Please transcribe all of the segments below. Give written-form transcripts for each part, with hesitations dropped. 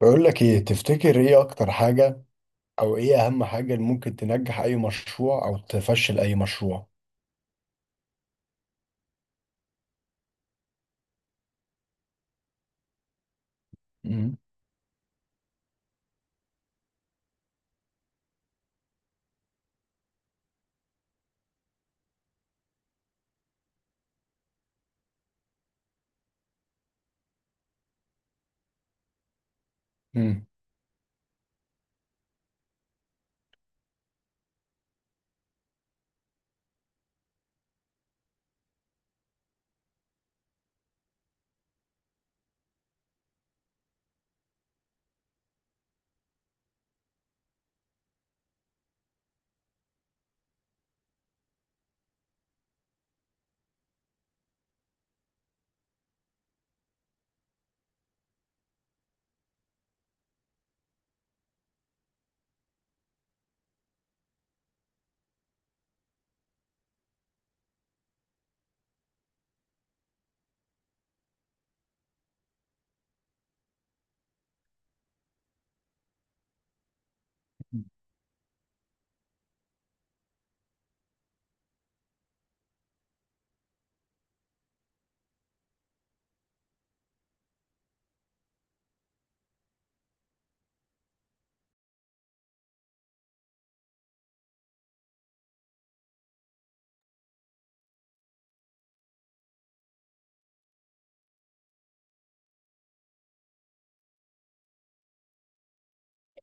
بقول لك ايه؟ تفتكر ايه اكتر حاجة، او ايه اهم حاجة اللي ممكن تنجح اي مشروع او تفشل اي مشروع؟ مم. امم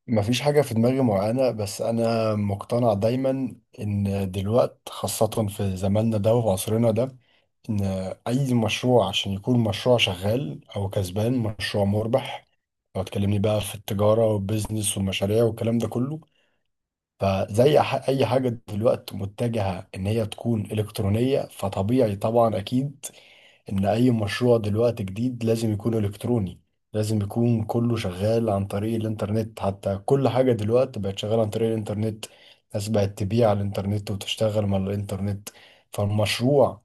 مفيش حاجة في دماغي معينة، بس انا مقتنع دايما ان دلوقت، خاصة في زماننا ده وفي عصرنا ده، ان اي مشروع عشان يكون مشروع شغال او كسبان، مشروع مربح، لو تكلمني بقى في التجارة والبيزنس والمشاريع والكلام ده كله، فزي اي حاجه دلوقتي متجهه ان هي تكون الكترونيه، فطبيعي طبعا اكيد ان اي مشروع دلوقتي جديد لازم يكون الكتروني، لازم يكون كله شغال عن طريق الانترنت. حتى كل حاجه دلوقتي بقت شغاله عن طريق الانترنت، الناس بقت تبيع على الانترنت وتشتغل من الانترنت. فالمشروع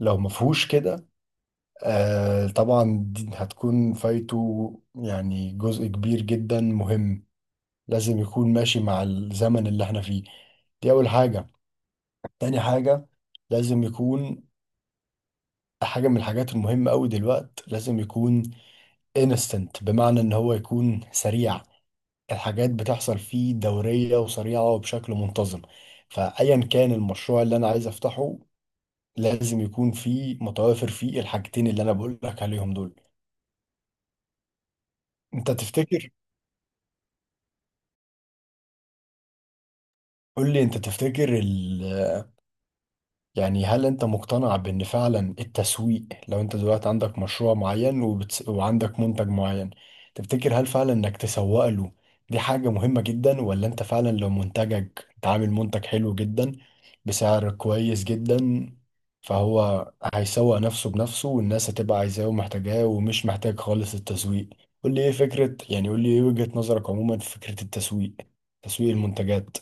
لو مفهوش كده، آه طبعا دي هتكون فايته، يعني جزء كبير جدا مهم. لازم يكون ماشي مع الزمن اللي احنا فيه. دي أول حاجة. تاني حاجة، لازم يكون حاجة من الحاجات المهمة أوي دلوقت، لازم يكون instant، بمعنى إن هو يكون سريع، الحاجات بتحصل فيه دورية وسريعة وبشكل منتظم. فأيا كان المشروع اللي أنا عايز أفتحه، لازم يكون فيه، متوافر فيه الحاجتين اللي أنا بقول لك عليهم دول. أنت تفتكر، قول لي أنت تفتكر، يعني هل انت مقتنع بان فعلا التسويق، لو انت دلوقتي عندك مشروع معين وعندك منتج معين، تفتكر هل فعلا انك تسوق له دي حاجة مهمة جدا، ولا انت فعلا لو منتجك، انت عامل منتج حلو جدا بسعر كويس جدا، فهو هيسوق نفسه بنفسه والناس هتبقى عايزاه ومحتاجاه ومش محتاج خالص التسويق؟ قول لي ايه فكرة، يعني قول لي ايه وجهة نظرك عموما في فكرة التسويق، تسويق المنتجات؟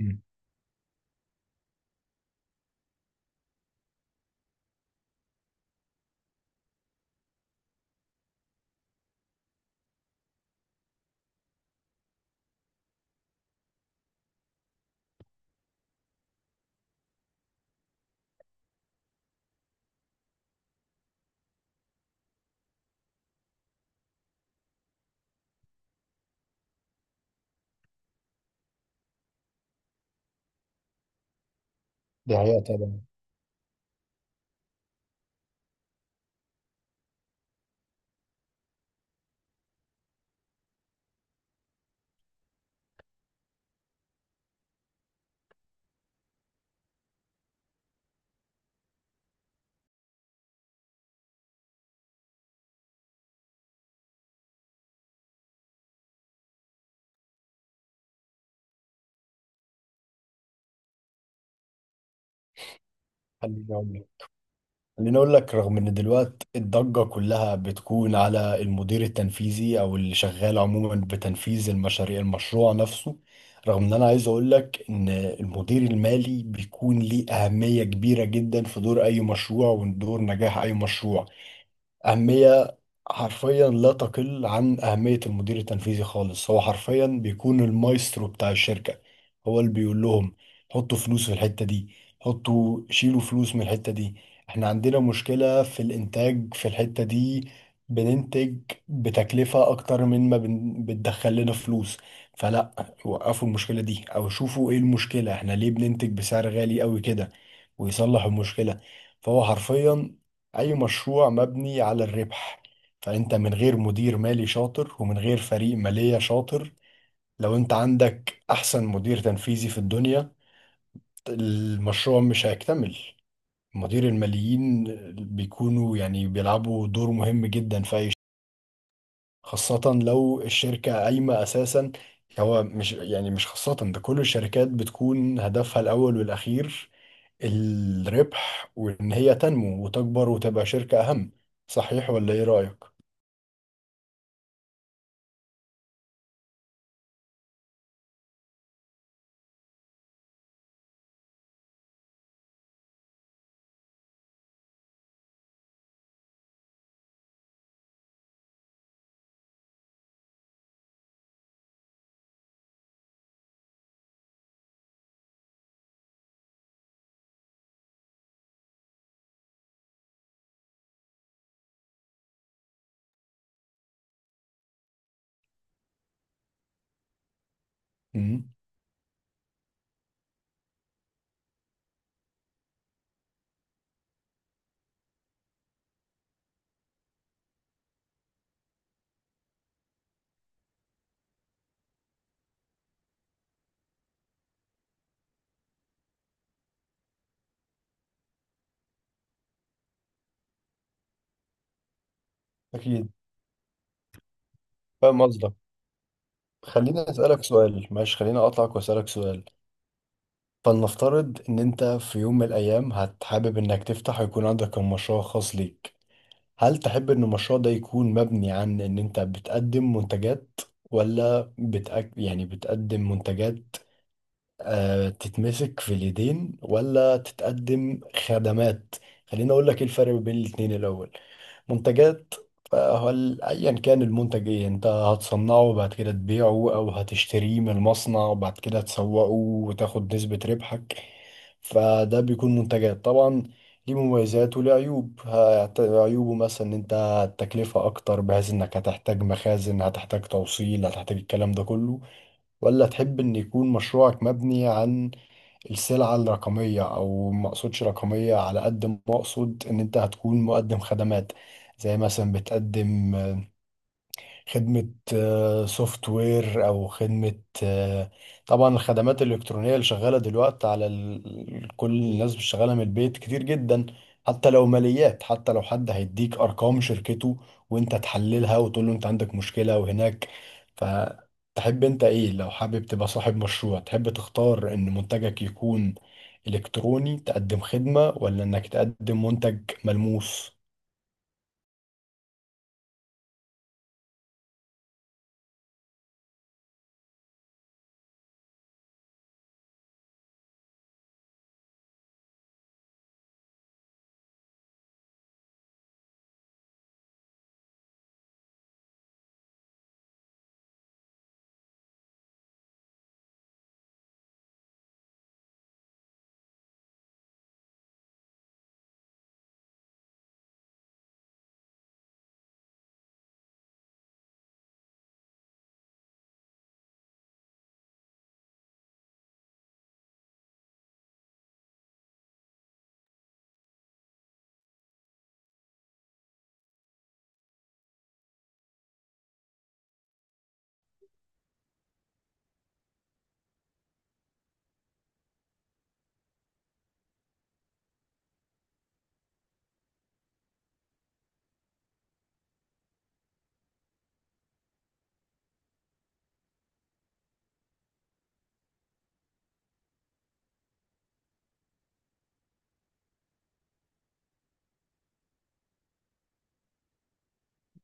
مم. دي حقيقة طبعا. خليني أقول لك. خليني اقول لك، رغم ان دلوقتي الضجة كلها بتكون على المدير التنفيذي او اللي شغال عموما بتنفيذ المشاريع، المشروع نفسه، رغم ان، انا عايز اقول لك ان المدير المالي بيكون ليه اهمية كبيرة جدا في دور اي مشروع ودور نجاح اي مشروع. أهمية حرفيا لا تقل عن أهمية المدير التنفيذي خالص. هو حرفيا بيكون المايسترو بتاع الشركة. هو اللي بيقول لهم حطوا فلوس في الحتة دي، حطوا، شيلوا فلوس من الحتة دي، احنا عندنا مشكلة في الإنتاج في الحتة دي، بننتج بتكلفة أكتر من ما بتدخل لنا فلوس، فلا، وقفوا المشكلة دي أو شوفوا إيه المشكلة، احنا ليه بننتج بسعر غالي أوي كده، ويصلح المشكلة. فهو حرفيا، اي مشروع مبني على الربح، فانت من غير مدير مالي شاطر ومن غير فريق مالية شاطر، لو انت عندك احسن مدير تنفيذي في الدنيا، المشروع مش هيكتمل. مدير الماليين بيكونوا يعني بيلعبوا دور مهم جدا في اي خاصة لو الشركة قايمة اساسا. هو مش يعني مش خاصة ده، كل الشركات بتكون هدفها الاول والاخير الربح، وان هي تنمو وتكبر وتبقى شركة اهم. صحيح ولا ايه رأيك؟ مم. أكيد، فاهم قصدك. خليني أسألك سؤال، ماشي، خليني أقطعك وأسألك سؤال. فلنفترض إن أنت في يوم من الأيام هتحابب إنك تفتح ويكون عندك مشروع خاص ليك، هل تحب إن المشروع ده يكون مبني عن إن أنت بتقدم منتجات، ولا يعني بتقدم منتجات، تتمسك في اليدين، ولا تتقدم خدمات؟ خليني اقول لك ايه الفرق بين الاتنين. الاول، منتجات، فهل ايا كان المنتج ايه، انت هتصنعه وبعد كده تبيعه او هتشتريه من المصنع وبعد كده تسوقه وتاخد نسبة ربحك، فده بيكون منتجات طبعا. ليه مميزات وليه عيوب، عيوبه مثلا ان انت التكلفة اكتر، بحيث انك هتحتاج مخازن، هتحتاج توصيل، هتحتاج الكلام ده كله. ولا تحب ان يكون مشروعك مبني عن السلعة الرقمية، او ما اقصدش رقمية على قد ما اقصد ان انت هتكون مقدم خدمات، زي مثلا بتقدم خدمة سوفت وير أو خدمة، آه، طبعا الخدمات الإلكترونية اللي شغالة دلوقتي على كل الناس شغالة من البيت كتير جدا، حتى لو ماليات، حتى لو حد هيديك أرقام شركته وأنت تحللها وتقول له أنت عندك مشكلة وهناك. فتحب أنت إيه، لو حابب تبقى صاحب مشروع، تحب تختار إن منتجك يكون إلكتروني تقدم خدمة، ولا إنك تقدم منتج ملموس؟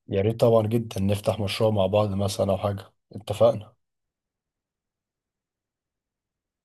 يا ريت طبعا جدا نفتح مشروع مع بعض مثلا او حاجة. اتفقنا.